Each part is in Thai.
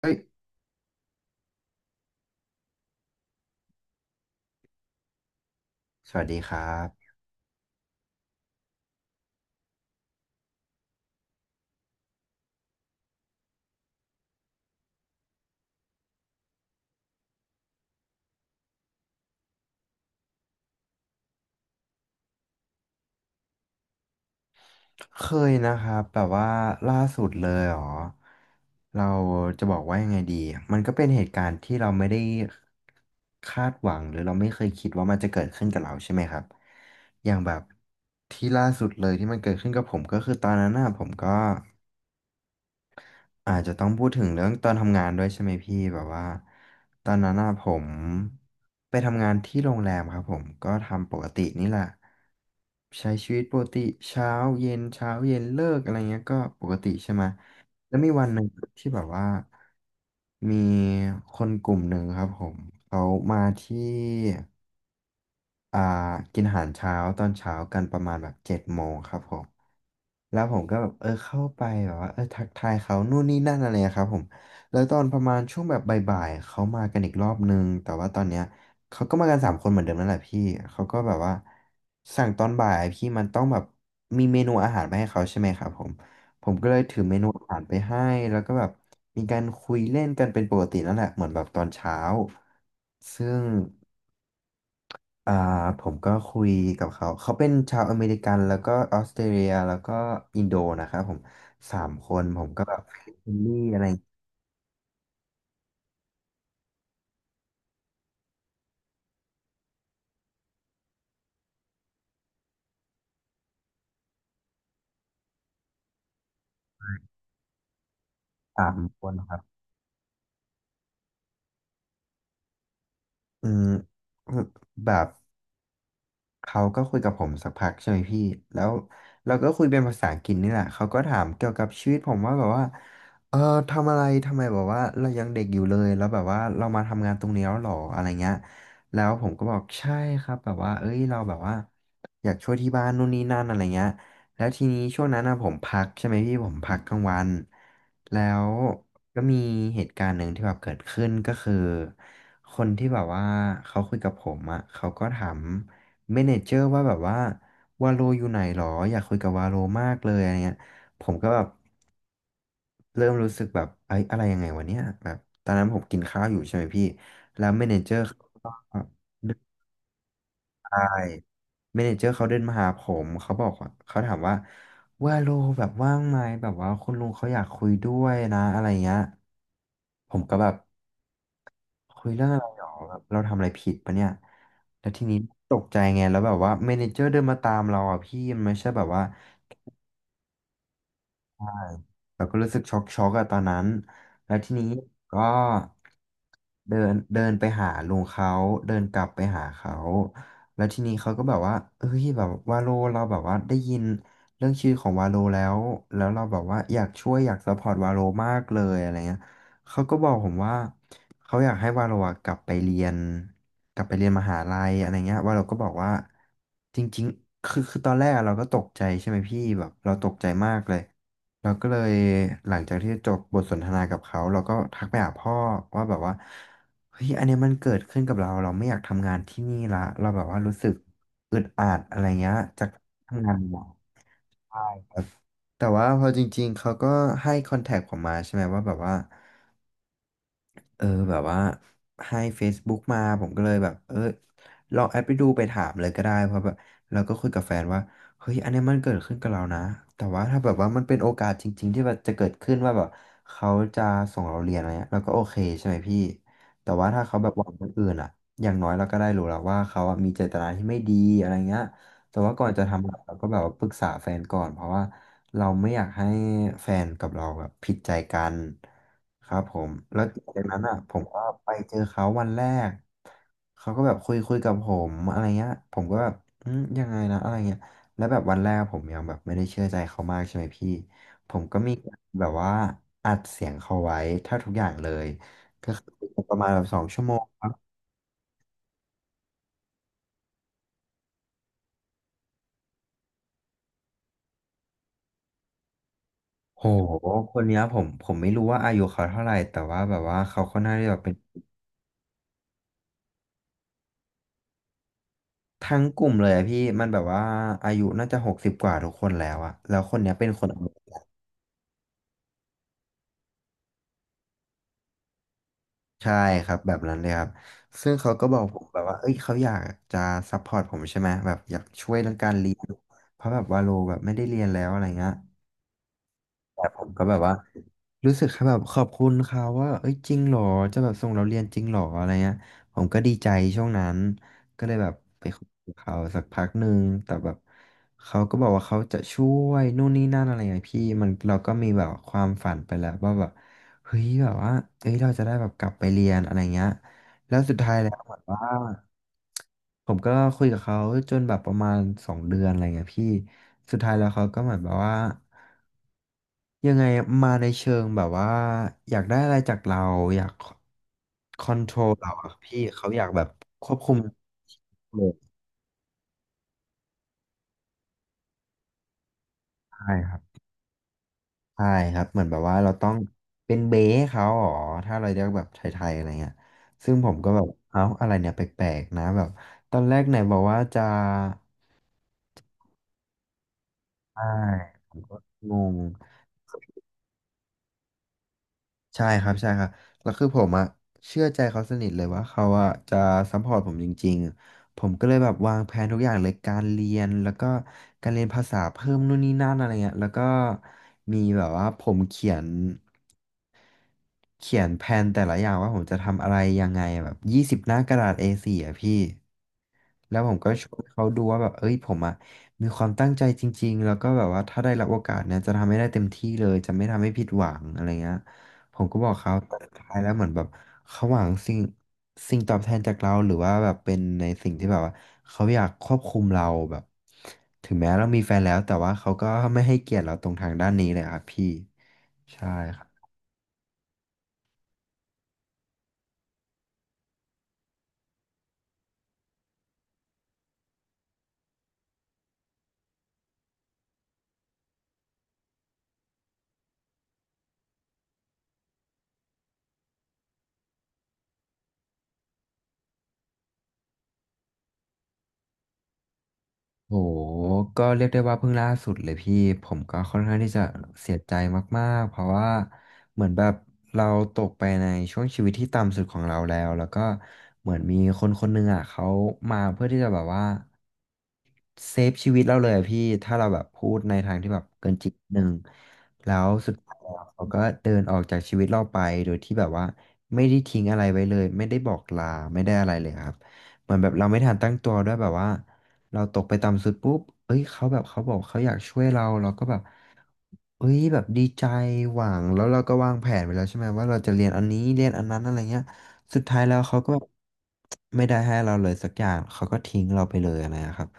เอ้ยสวัสดีครับเคยนะครับแบบว่าล่าสุดเลยเหรอเราจะบอกว่ายังไงดีมันก็เป็นเหตุการณ์ที่เราไม่ได้คาดหวังหรือเราไม่เคยคิดว่ามันจะเกิดขึ้นกับเราใช่ไหมครับอย่างแบบที่ล่าสุดเลยที่มันเกิดขึ้นกับผมก็คือตอนนั้นน่ะผมก็ อาจจะต้องพูดถึงเรื่องตอนทำงานด้วยใช่ไหมพี่แบบว่าตอนนั้นน่ะผมไปทำงานที่โรงแรมครับผมก็ทำปกตินี่แหละใช้ชีวิตปกติเช้าเย็นเช้าเย็นเลิกอะไรเงี้ยก็ปกติใช่ไหมแล้วมีวันหนึ่งที่แบบว่ามีคนกลุ่มหนึ่งครับผมเขามาที่อ่ากินอาหารเช้าตอนเช้ากันประมาณแบบ7 โมงครับผม แล้วผมก็แบบเออเข้าไปแบบว่าเออทักทายเขานู่นนี่นั่นอะไรอะครับผมแล้วตอนประมาณช่วงแบบบ่ายๆเขามากันอีกรอบนึงแต่ว่าตอนเนี้ยเขาก็มากันสามคนเหมือนเดิมนั่นแหละพี่เขาก็แบบว่าสั่งตอนบ่ายพี่มันต้องแบบมีเมนูอาหารไปให้เขาใช่ไหมครับผมผมก็เลยถือเมนูอาหารไปให้แล้วก็แบบมีการคุยเล่นกันเป็นปกตินั่นแหละเหมือนแบบตอนเช้าซึ่ง อ่าผมก็คุยกับเขาเขาเป็นชาวอเมริกันแล้วก็ออสเตรเลียแล้วก็อินโดนะครับผมสามคนผมก็แบบฟิลิปปินส์อะไรสามคนครับอืมแบบ เขาก็คุยกับผมสักพักใช่ไหมพี่แล้วเราก็คุยเป็นภาษาอังกฤษนี่แหละ เขาก็ถามเกี่ยวกับชีวิตผมว่าแบบว่าเออทำอะไรทำไมแบบว่าเรายังเด็กอยู่เลย แล้วแบบว่าเรามาทำงานตรงนี้แล้วหรออะไรเงี้ย แล้วผมก็บอกใช่ครับแบบว่าเอ้ยเราแบบว่าอยากช่วยที่บ้านนู่นนี่นั่นอะไรเงี้ยแล้วทีนี้ช่วงนั้นนะผมพักใช่ไหมพี่ผมพักกลางวันแล้วก็มีเหตุการณ์หนึ่งที่แบบเกิดขึ้นก็คือคนที่แบบว่าเขาคุยกับผมอ่ะเขาก็ถาม เมเนเจอร์ว่าแบบว่าวาโลอยู่ไหนหรออยากคุยกับวาโลมากเลยอะไรเงี้ยผมก็แบบเริ่มรู้สึกแบบไอ้ยอะไรยังไงวะเนี่ยแบบตอนนั้นผมกินข้าวอยู่ใช่ไหมพี่แล้วเมเนเจอร์เขาก็ได้เมเนเจอร์เขาเดินมาหาผมเขาบอกว่าเขาถามว่าวาโลแบบว่างไหมแบบว่าคุณลุงเขาอยากคุยด้วยนะอะไรเงี้ยผมก็แบบคุยเรื่องอะไรหรอแบบเราทำอะไรผิดปะเนี่ยแล้วทีนี้ตกใจไงแล้วแบบว่าเมเนเจอร์เดินมาตามเราอ่ะพี่มันไม่ใช่แบบว่า เราก็รู้สึกช็อกอะตอนนั้นแล้วทีนี้ก็เดินเดินไปหาลุงเขาเดินกลับไปหาเขาแล้วทีนี้เขาก็แบบว่าเฮ้ยแบบวาโลเราแบบว่าได้ยินเรื่องชื่อของวาโลแล้วแล้วเราแบบว่าอยากช่วยอยากซัพพอร์ตวาโลมากเลยอะไรเงี้ยเขาก็บอกผมว่าเขาอยากให้วาโลอะกลับไปเรียนกลับไปเรียนมหาลัยอะไรเงี้ยวาโลก็บอกว่าจริงๆคือตอนแรกอะเราก็ตกใจใช่ไหมพี่แบบเราตกใจมากเลย เราก็เลยหลังจากที่จบบทสนทนากับเขาเราก็ทักไปหาพ่อว่าแบบว่าเฮ้ยอันเนี้ยมันเกิดขึ้นกับเราเราไม่อยากทำงานที่นี่ละเราแบบว่ารู้สึกอึดอัดอะไรเงี้ยจากทำงานมาแต่ว่าพอจริงๆเขาก็ให้คอนแทคผมมาใช่ไหมว่าแบบว่า เออแบบว่าให้ Facebook มาผมก็เลยแบบเออลองแอดไปดูไปถามเลยก็ได้เพราะแบบเราก็คุยกับแฟนว่าเฮ้ยอันเนี้ยมันเกิดขึ้นกับเรานะแต่ว่าถ้าแบบว่ามันเป็นโอกาสจริงๆที่แบบจะเกิดขึ้นว่าแบบเขาจะส่งเราเรียนอะไรเงี้ยเราก็โอเคใช่ไหมพี่แต่ว่าถ้าเขาแบบหวังคนอื่นอ่ะอย่างน้อยเราก็ได้รู้แล้วว่าเขาอะมีเจตนาที่ไม่ดีอะไรเงี้ยแต่ว่าก่อนจะทำอะเราก็แบบว่าปรึกษาแฟนก่อนเพราะว่า เราไม่อยากให้แฟนกับเราแบบผิดใจกันครับผมแล้วจากนั้นอ่ะผมก็ไปเจอเขาวันแรกเขาก็แบบคุยคุยกับผมอะไรเงี้ยผมก็แบบอืมยังไงนะอะไรเงี้ยแล้วแบบวันแรกผมยังแบบไม่ได้เชื่อใจเขามากใช่ไหมพี่ผมก็มีแบบว่าอัดเสียงเขาไว้แทบทุกอย่างเลยก็คือประมาณแบบ2 ชั่วโมงครับโหคนเนี้ยผมไม่รู้ว่าอายุเขาเท่าไหร่แต่ว่าแบบว่าเขาค่อนข้างที่จะเป็น ทั้งกลุ่มเลยอะพี่มันแบบว่าอายุน่าจะ60กว่าทุกคนแล้วอะแล้วคนเนี้ยเป็นคนอเมริกันใช่ครับแบบนั้นเลยครับซึ่งเขาก็บอกผมแบบว่าเอ้ยเขาอยากจะซัพพอร์ตผมใช่ไหมแบบอยากช่วยเรื่องการเรียนเพราะแบบว่าโลแบบไม่ได้เรียนแล้วอะไรเงี้ยแต่ผมก็แบบว่า รู้สึกแค่แบบขอบคุณเขาว่าเอ้ยจริงเหรอจะแบบส่งเราเรียนจริงเหรออะไรเงี้ยผมก็ดีใจช่วงนั้นก็เลยแบบไปคุยกับเขาสักพักหนึ่งแต่แบบเขาก็บอกว่าเขาจะช่วยนู่นนี่นั่นอะไรเงี้ยพี่มันเราก็มีแบบความฝันไปแล้วว่าแบบเฮ้ยแบบว่าเอ้ยเราจะได้แบบกลับไปเรียนอะไรเงี้ยแล้วสุดท้ายแล้วเหมือนว่าผมก็คุยกับเขาจนแบบประมาณ2 เดือนอะไรเงี้ยพี่สุดท้ายแล้วเขาก็เหมือนแบบว่า ยังไงมาในเชิงแบบว่าอยากได้อะไรจากเราอยากคอนโทรลเราอะพี่เขาอยากแบบควบคุมเราใช่ครับใช่ครับเหมือนแบบว่าเราต้องเป็นเบ้เขาอ๋อถ้าเราเรียกแบบไทยๆอะไรเงี้ยซึ่งผมก็แบบเอ้าอะไรเนี่ยแปลกๆนะแบบตอนแรกไหนบอกว่าจะใช่ผมก็งง ใช่ครับใช่ครับแล้วคือผมอะเชื่อใจเขาสนิทเลยว่าเขาอะจะซัพพอร์ตผมจริงๆผมก็เลยแบบวางแผนทุกอย่างเลยการเรียนแล้วก็การเรียนภาษาเพิ่มนู่นนี่นั่นอะไรเงี้ยแล้วก็มีแบบว่าผมเขียนแผนแต่ละอย่างว่าผมจะทำอะไรยังไงแบบ20หน้ากระดาษ A4 อสี่อะพี่แล้วผมก็ช่วยเขาดูว่าแบบเอ้ยผมอะมีความตั้งใจจริงๆแล้วก็แบบว่าถ้าได้รับโอกาสเนี่ยจะทำให้ได้เต็มที่เลยจะไม่ทำให้ผิดหวังอะไรเงี้ย ผมก็บอกเขาแต่สุดท้ายแล้วเหมือนแบบเขาหวังสิ่งตอบแทนจากเราหรือว่าแบบเป็นในสิ่งที่แบบว่าเขาอยากควบคุมเราแบบถึงแม้เรามีแฟนแล้วแต่ว่าเขาก็ไม่ให้เกียรติเราตรงทางด้านนี้เลยครับพี่ใช่ครับ โหก็เรียกได้ว่าเพิ่งล่าสุดเลยพี่ผมก็ค่อนข้างที่จะเสียใจมากๆเพราะว่าเหมือนแบบเราตกไปในช่วงชีวิตที่ต่ำสุดของเราแล้วแล้วก็เหมือนมีคนคนหนึ่งอ่ะเขามาเพื่อที่จะแบบว่าเซฟชีวิตเราเลยอะพี่ถ้าเราแบบพูดในทางที่แบบเกินจริงนิดนึงแล้วสุดท้ายแล้วเขาก็เดินออกจากชีวิตเราไปโดยที่แบบว่าไม่ได้ทิ้งอะไรไว้เลยไม่ได้บอกลาไม่ได้อะไรเลยครับเหมือนแบบเราไม่ทันตั้งตัวด้วยแบบว่า เราตกไปต่ำสุดปุ๊บเอ้ยเขาแบบเขาบอกเขาอยากช่วยเราเราก็แบบเอ้ยแบบดีใจหวังแล้วเราก็วางแผนไปแล้วใช่ไหมว่าเราจะเรียนอันนี้เรียนอันนั้นอะไรเงี้ยสุดท้ายแล้วเขาก็แบบไม่ได้ให้เราเลยสักอย่างเขาก็ทิ้งเราไปเลยอะไรนะครับ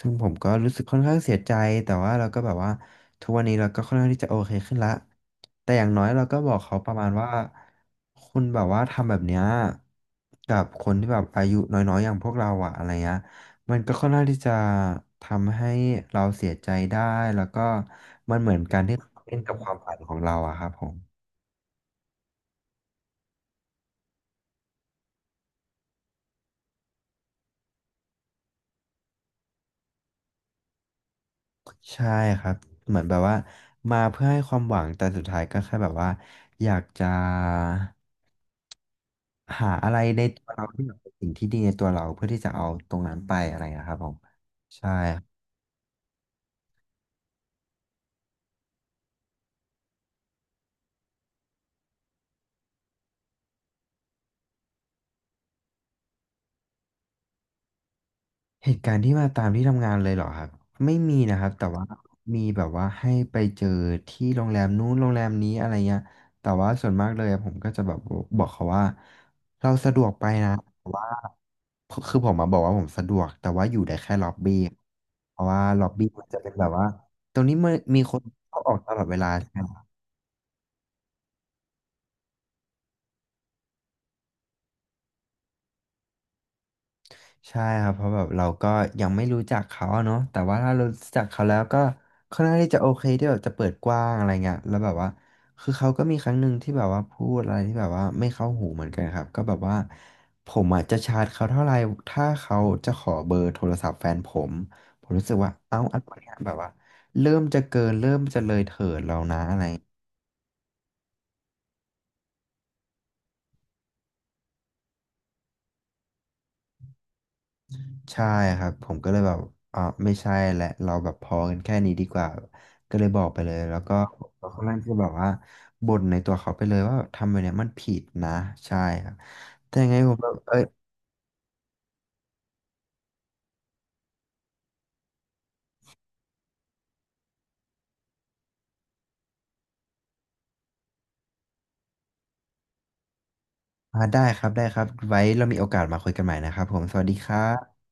ซึ่งผมก็รู้สึกค่อนข้างเสียใจแต่ว่าเราก็แบบว่าทุกวันนี้เราก็ค่อนข้างที่จะโอเคขึ้นละแต่อย่างน้อยเราก็บอกเขาประมาณว่าคุณแบบว่าทำแบบเนี้ยกับคนที่แบบอายุน้อยๆอย่างพวกเราอะอะไรเงี้ย มันก็ค่อนข้างที่จะทำให้เราเสียใจได้แล้วก็มันเหมือนการที่เราเล่นกับความฝันของเราอะครับผมใช่ครับเหมือนแบบว่ามาเพื่อให้ความหวังแต่สุดท้ายก็แค่แบบว่าอยากจะหาอะไรในตัวเราที่แบบเป็นสิ่งที่ดีในตัวเราเพื่อที่จะเอาตรงนั้นไปอะไรนะครับผมใช่ เหตุการณ์ที่มาตามที่ทำงานเลยเหรอครับไม่มีนะครับแต่ว่ามีแบบว่าให้ไปเจอที่โรงแรมนู้นโรงแรมนี้อะไรเงี้ยแต่ว่าส่วนมากเลยอะผมก็จะแบบบอกเขาว่าเราสะดวกไปนะแต่ว่าคือผมมาบอกว่าผมสะดวกแต่ว่าอยู่ได้แค่ล็อบบี้เพราะว่าล็อบบี้มันจะเป็นแบบว่าตรงนี้มันมีคนเข้าออกตลอดเวลา ใช่ครับเพราะแบบเราก็ยังไม่รู้จักเขาอะเนาะแต่ว่าถ้าเรารู้จักเขาแล้วก็ค่อนข้างที่จะโอเคที่แบบจะเปิดกว้างอะไรเงี้ยแล้วแบบว่าคือเขาก็มีครั้งหนึ่งที่แบบว่าพูดอะไรที่แบบว่าไม่เข้าหูเหมือนกันครับก็แบบว่าผมอ่ะจะชาร์จเขาเท่าไหร่ถ้าเขาจะขอเบอร์โทรศัพท์แฟนผมผมรู้สึกว่าเอ้าอะไรเนี่ยแบบว่า ใช่ครับผมก็เลยแบบอ่าไม่ใช่แหละเราแบบพอกันแค่นี้ดีกว่าก็เลยบอกไปเลยแล้วก็เขาค่อนข้างที่จะแบบว่าบ่นในตัวเขาไปเลยว่าทำแบบเนี้ยมันผิดนะใช่ครับแต่ยังไงผมแบบเอ้ยได้ครับได้ครับไว้เรามีโอกาสมาคุยกันใหม่นะครับผมสวัสดีครับ